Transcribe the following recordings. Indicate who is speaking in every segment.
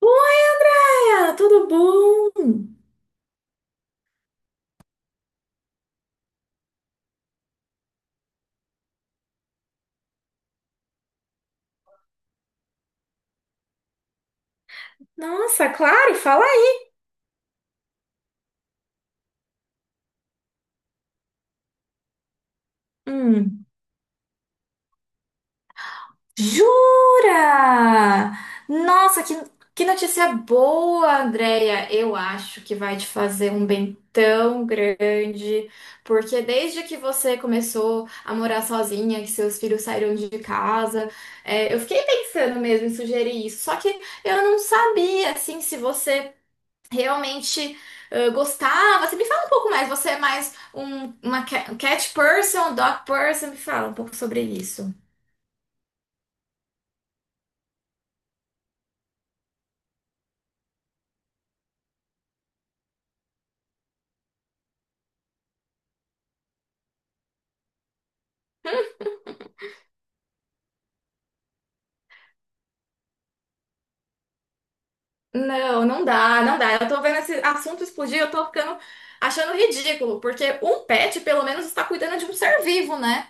Speaker 1: Oi, Andréia, tudo bom? Nossa, claro, fala aí. Hum, jura? Nossa, que, que notícia boa, Andréia. Eu acho que vai te fazer um bem tão grande, porque desde que você começou a morar sozinha, que seus filhos saíram de casa, eu fiquei pensando mesmo em sugerir isso, só que eu não sabia, assim, se você realmente gostava? Você me fala um pouco mais. Você é mais uma cat person, dog person? Me fala um pouco sobre isso. Não, não dá, não dá. Eu tô vendo esse assunto explodir, eu tô ficando achando ridículo, porque um pet pelo menos está cuidando de um ser vivo, né?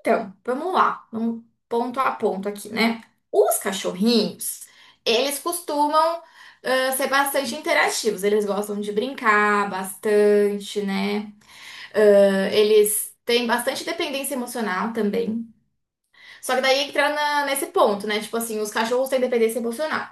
Speaker 1: Então, vamos lá, vamos ponto a ponto aqui, né? Os cachorrinhos, eles costumam ser bastante interativos, eles gostam de brincar bastante, né? Ah, eles têm bastante dependência emocional também. Só que daí entra nesse ponto, né? Tipo assim, os cachorros têm dependência emocional.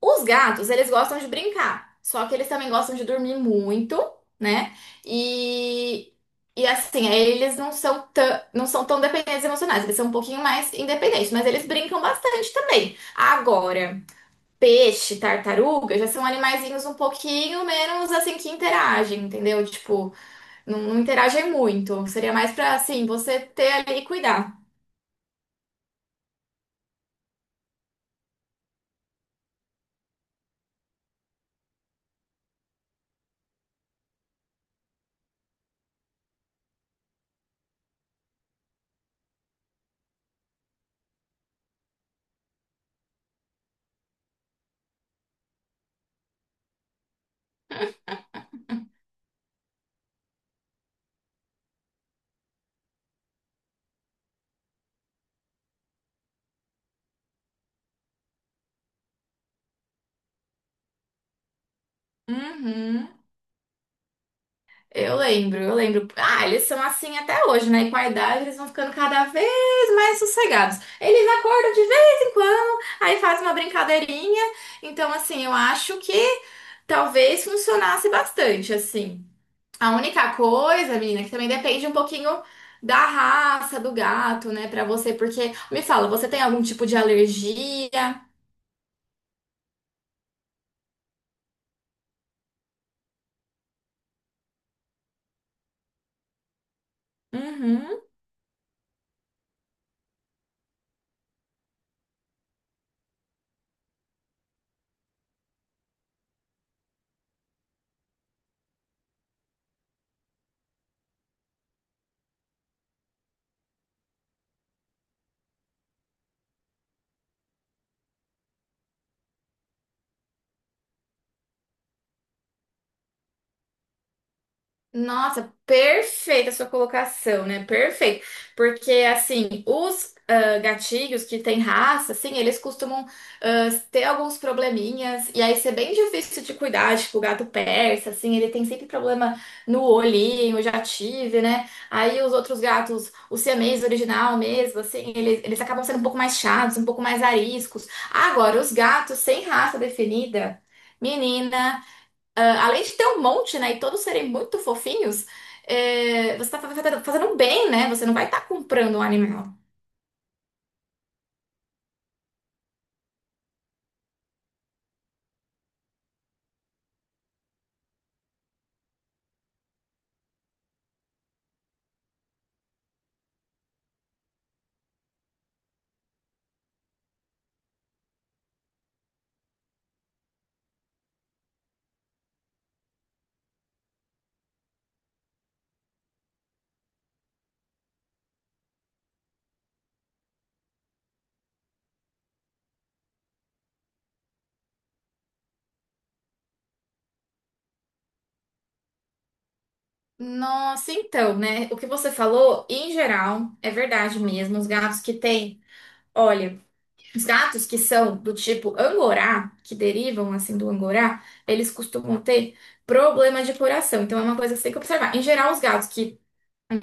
Speaker 1: Os gatos, eles gostam de brincar. Só que eles também gostam de dormir muito, né? E, e assim, aí eles não são tão, não são tão dependentes emocionais. Eles são um pouquinho mais independentes, mas eles brincam bastante também. Agora, peixe, tartaruga já são animaizinhos um pouquinho menos assim que interagem, entendeu? Tipo. Não, não interagem muito. Seria mais pra, assim, você ter ali e cuidar. Uhum. Eu lembro, eu lembro. Ah, eles são assim até hoje, né? E com a idade eles vão ficando cada vez mais sossegados. Eles acordam de vez em quando, aí faz uma brincadeirinha. Então, assim, eu acho que talvez funcionasse bastante, assim. A única coisa, menina, que também depende um pouquinho da raça do gato, né, pra você, porque me fala, você tem algum tipo de alergia? Uhum. Nossa, perfeita a sua colocação, né? Perfeito. Porque, assim, os gatilhos que têm raça, assim, eles costumam ter alguns probleminhas, e aí ser bem difícil de cuidar, tipo, o gato persa, assim, ele tem sempre problema no olhinho, eu já tive, né? Aí os outros gatos, o siamês original mesmo, assim, eles acabam sendo um pouco mais chatos, um pouco mais ariscos. Agora, os gatos sem raça definida, menina. Ah, além de ter um monte, né, e todos serem muito fofinhos, é, você tá fazendo um bem, né? Você não vai estar comprando um animal. Nossa, então, né? O que você falou, em geral, é verdade mesmo. Os gatos que têm, olha, os gatos que são do tipo angorá, que derivam assim do angorá, eles costumam ter problema de coração. Então é uma coisa que você tem que observar. Em geral, os gatos que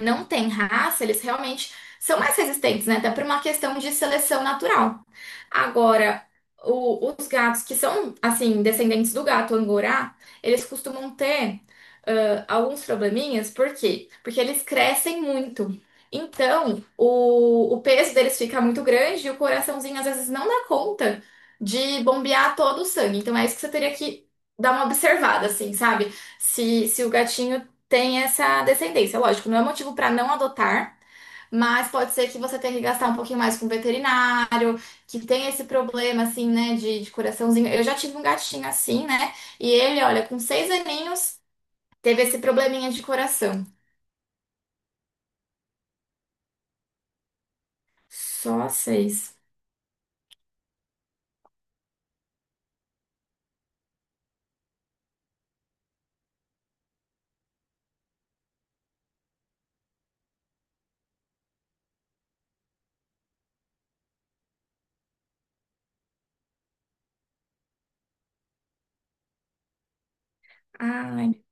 Speaker 1: não tem raça, eles realmente são mais resistentes, né? Até por uma questão de seleção natural. Agora, os gatos que são, assim, descendentes do gato angorá, eles costumam ter alguns probleminhas, por quê? Porque eles crescem muito. Então, o peso deles fica muito grande e o coraçãozinho às vezes não dá conta de bombear todo o sangue. Então, é isso que você teria que dar uma observada, assim, sabe? Se o gatinho tem essa descendência. Lógico, não é motivo para não adotar, mas pode ser que você tenha que gastar um pouquinho mais com veterinário, que tem esse problema, assim, né, de coraçãozinho. Eu já tive um gatinho assim, né? E ele, olha, com seis aninhos, teve esse probleminha de coração. Só seis. Ai.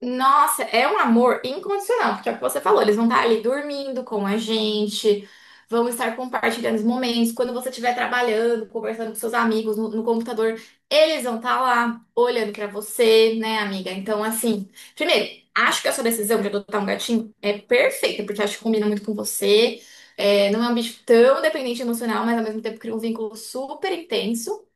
Speaker 1: Nossa, é um amor incondicional, porque é o que você falou, eles vão estar ali dormindo com a gente, vão estar compartilhando os momentos. Quando você estiver trabalhando, conversando com seus amigos no computador, eles vão estar lá olhando para você, né, amiga? Então, assim, primeiro, acho que a sua decisão de adotar um gatinho é perfeita, porque acho que combina muito com você. É, não é um bicho tão dependente emocional, mas ao mesmo tempo cria um vínculo super intenso.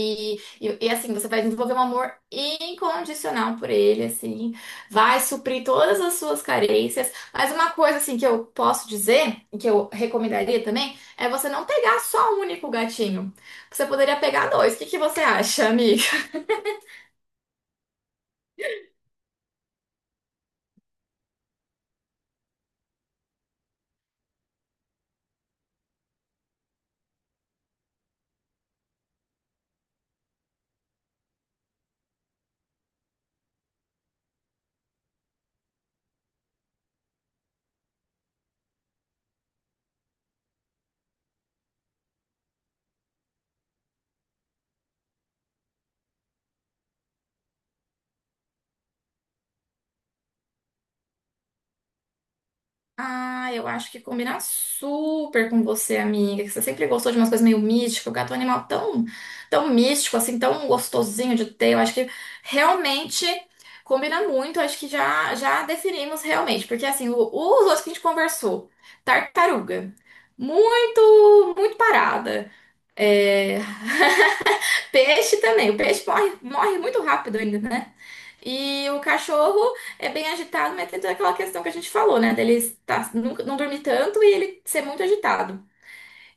Speaker 1: Assim, você vai desenvolver um amor incondicional por ele, assim, vai suprir todas as suas carências. Mas uma coisa, assim, que eu posso dizer, e que eu recomendaria também, é você não pegar só um único gatinho. Você poderia pegar dois. O que que você acha, amiga? Ah, eu acho que combina super com você, amiga, que você sempre gostou de umas coisas meio místicas. O gato é um animal tão, tão místico, assim, tão gostosinho de ter. Eu acho que realmente combina muito. Eu acho que já definimos realmente, porque assim, os outros que a gente conversou, tartaruga, muito, muito parada. É, peixe também. O peixe morre, morre muito rápido ainda, né? E o cachorro é bem agitado, mas tem toda aquela questão que a gente falou, né? Dele estar, não dormir tanto e ele ser muito agitado.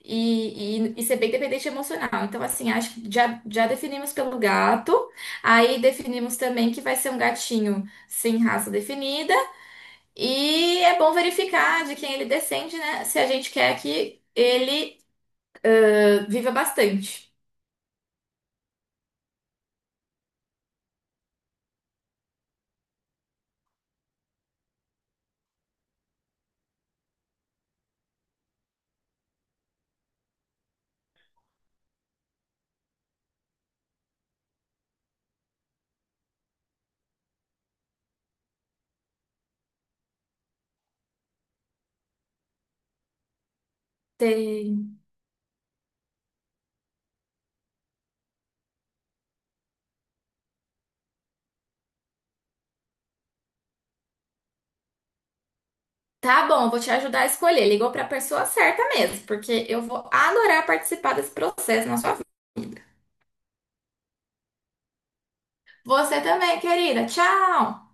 Speaker 1: E ser bem dependente emocional. Então, assim, acho que já definimos pelo gato. Aí definimos também que vai ser um gatinho sem raça definida. E é bom verificar de quem ele descende, né? Se a gente quer que ele viva bastante. Tem. Tá bom, vou te ajudar a escolher. Ligou para a pessoa certa mesmo, porque eu vou adorar participar desse processo na sua vida. Você também, querida. Tchau!